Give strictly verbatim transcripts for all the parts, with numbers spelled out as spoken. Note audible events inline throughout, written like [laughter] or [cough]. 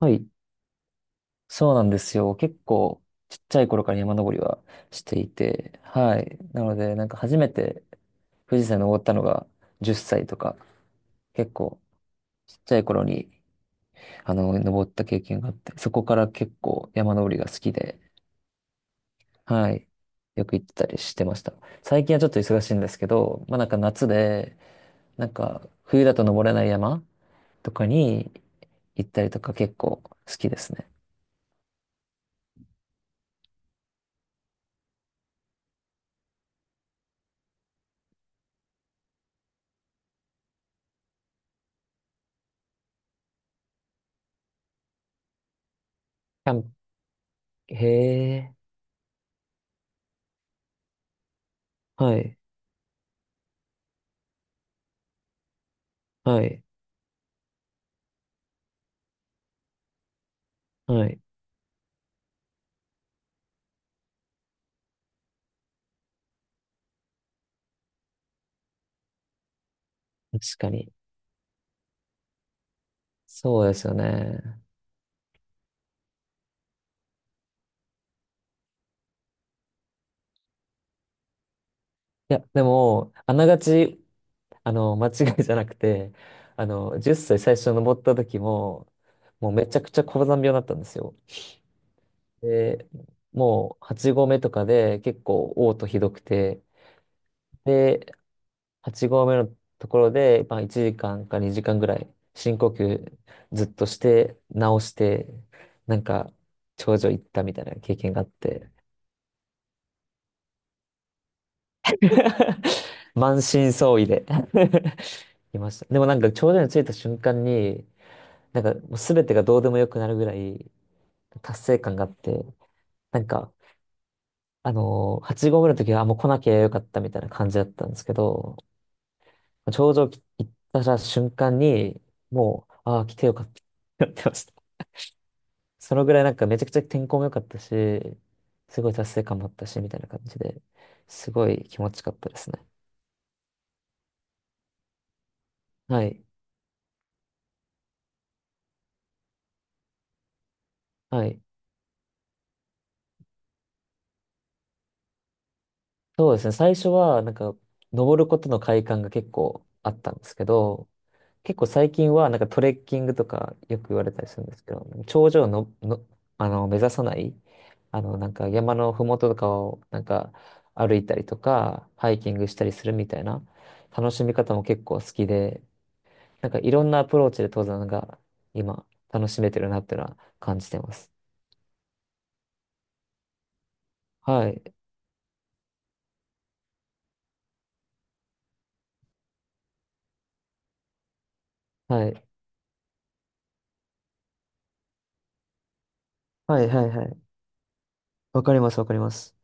はい。そうなんですよ。結構、ちっちゃい頃から山登りはしていて、はい。なので、なんか初めて富士山に登ったのがじっさいとか、結構、ちっちゃい頃に、あの、登った経験があって、そこから結構山登りが好きで、はい。よく行ってたりしてました。最近はちょっと忙しいんですけど、まあなんか夏で、なんか冬だと登れない山とかに行ったりとか結構好きですね。キャンプ、へえ、はい、はい、はい。確かに。そうですよね。いや、でも、あながち、あの、間違いじゃなくて、あの、じゅっさい最初登った時も、もうめちゃくちゃ高山病だったんですよ。で、もうはち合目とかで結構嘔吐ひどくて、で、はち合目のところで、まあ、いちじかんかにじかんぐらい深呼吸ずっとして直してなんか頂上行ったみたいな経験があって [laughs] 満身創痍で [laughs] いました。でもなんか頂上に着いた瞬間になんかもう全てがどうでもよくなるぐらい達成感があってなんかあのー、はち合目の時はあもう来なきゃよかったみたいな感じだったんですけど頂上行った瞬間にもうああ来てよかったってなってました。そのぐらいなんかめちゃくちゃ天候も良かったし、すごい達成感もあったし、みたいな感じで、すごい気持ちよかったですね。はい。はい。そうですね。最初はなんか登ることの快感が結構あったんですけど、結構最近はなんかトレッキングとかよく言われたりするんですけど、頂上の、の、あの、目指さない、あの、なんか山のふもととかをなんか歩いたりとか、ハイキングしたりするみたいな楽しみ方も結構好きで、なんかいろんなアプローチで登山が今楽しめてるなっていうのは感じてます。はい。はい。はいはいはい。わかりますわかります。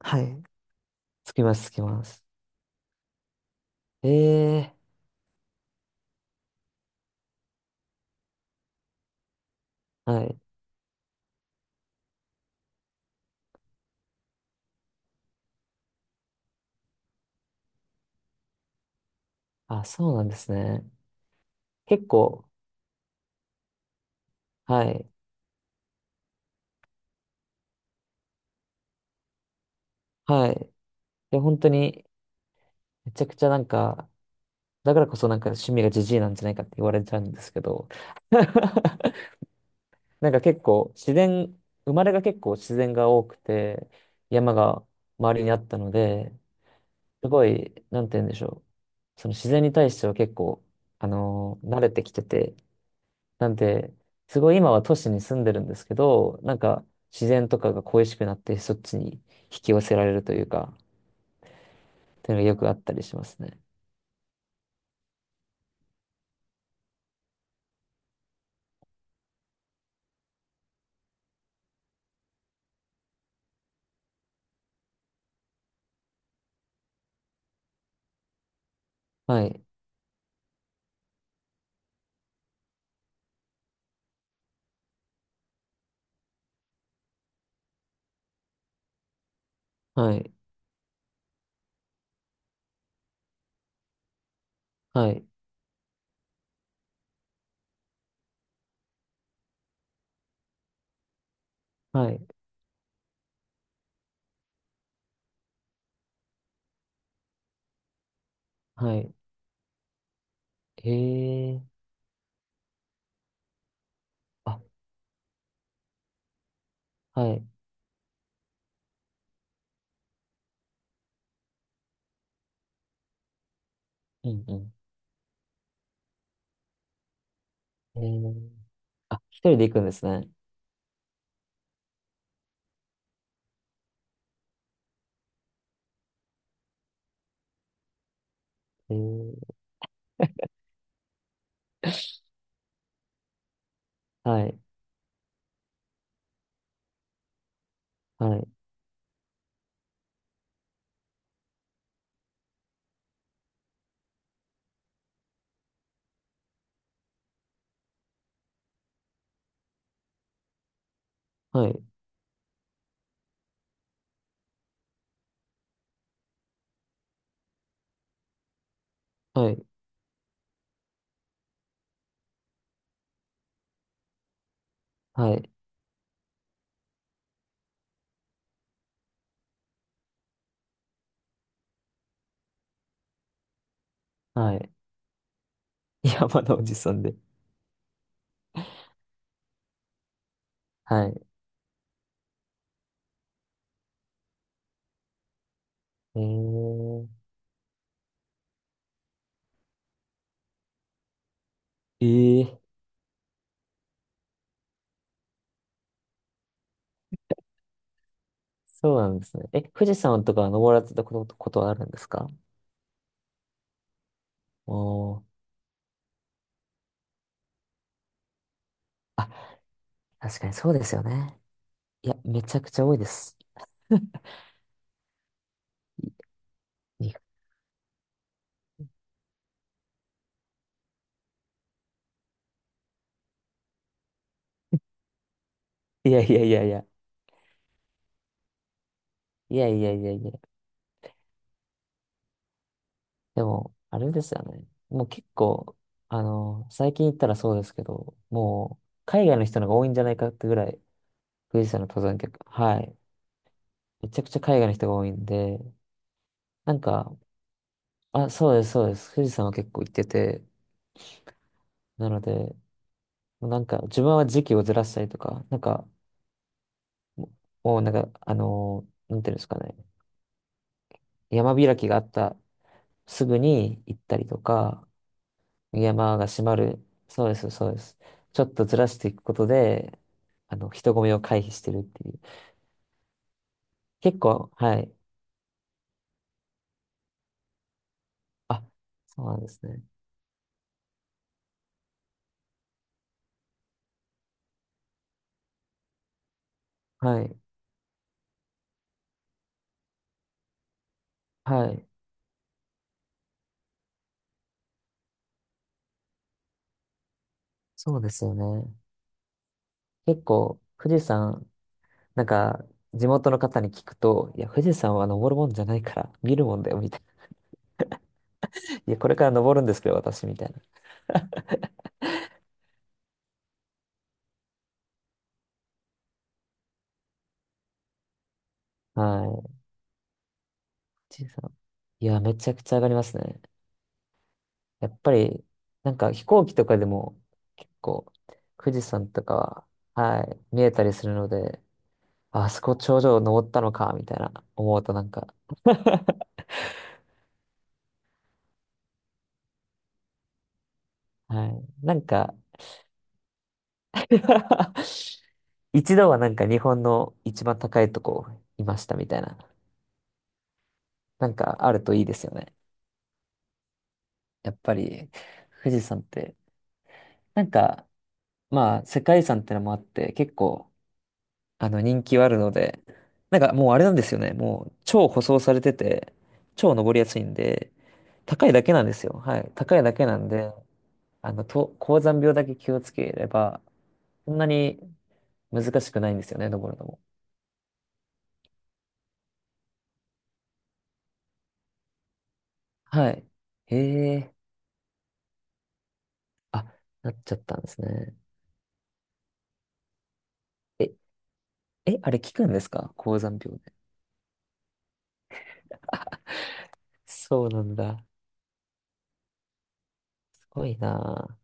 はい。つきます、つきます。ええはい。あ、そうなんですね。結構、はい。はい。で、本当に、めちゃくちゃなんか、だからこそなんか趣味がジジイなんじゃないかって言われちゃうんですけど、[laughs] なんか結構自然、生まれが結構自然が多くて、山が周りにあったので、すごい、なんて言うんでしょう。その自然に対しては結構、あのー慣れてきてて、なんで、すごい今は都市に住んでるんですけど、なんか自然とかが恋しくなってそっちに引き寄せられるというか、っていうのがよくあったりしますね。はい、はい、はい、はい、はい。へえ、あ、はい、うんうん。へえ、あ、一人で行くんですね。へえはい、はい、はい、はい、はい、はい。山のおじさんで。はい。おー、ええそうなんですね。え、富士山とかは登られたこと、ことはあるんですか？おー、あ、確かにそうですよね。いや、めちゃくちゃ多いです。いい [laughs] いやいやいやいや。いやいやいやいや。でも、あれですよね。もう結構、あの、最近行ったらそうですけど、もう、海外の人の方が多いんじゃないかってぐらい、富士山の登山客。はい。めちゃくちゃ海外の人が多いんで、なんか、あ、そうです、そうです。富士山は結構行ってて、なので、なんか自分は時期をずらしたりとか、なんかももうなんか、あのーなんていうんですかね、山開きがあったすぐに行ったりとか、山が閉まる、そうです、そうです。ちょっとずらしていくことで、あの、人混みを回避してるっていう。結構、はい。あ、そうなんですね。はい、はい。そうですよね。結構、富士山、なんか、地元の方に聞くと、いや、富士山は登るもんじゃないから、見るもんだよ、みたいな。いや、これから登るんですけど、私、みたいな。はい。ちいさん。いや、めちゃくちゃ上がりますね。やっぱり、なんか飛行機とかでも結構富士山とかは、はい、見えたりするので、ああそこ頂上登ったのか、みたいな思うとなんか [laughs] はい。なんか [laughs] 一度はなんか日本の一番高いとこいましたみたいな、なんかあるといいですよね。やっぱり富士山って、なんか、まあ世界遺産ってのもあって結構あの、人気はあるので、なんかもうあれなんですよね。もう超舗装されてて、超登りやすいんで、高いだけなんですよ。はい。高いだけなんで、あの、と、高山病だけ気をつければ、そんなに難しくないんですよね、登るのも。はい。へえ。あ、なっちゃったんですね。え、え、あれ効くんですか高山病で？そうなんだ。すごいなあ。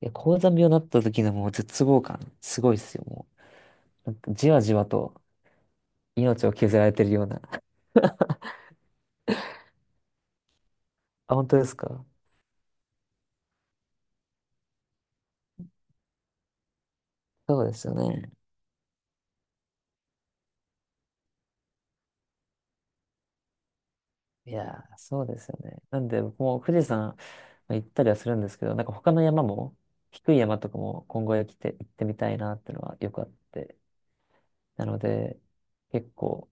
いや、高山病になった時のもう絶望感、すごいっすよ、もう。なんかじわじわと。命を削られてるような。[laughs] あ、本当ですか？そうですよね。いやー、そうですよね。なんで、僕も富士山まあ行ったりはするんですけど、なんか他の山も、低い山とかも今後へ来て行ってみたいなっていうのはよくあって。なので、結構、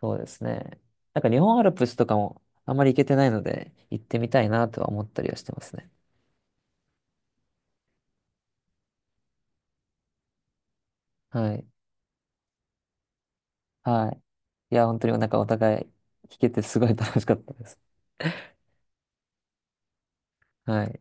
そうですね。なんか日本アルプスとかもあんまり行けてないので、行ってみたいなとは思ったりはしてますね。はい。はい。いや、本当になんかお互い聞けてすごい楽しかったです。はい。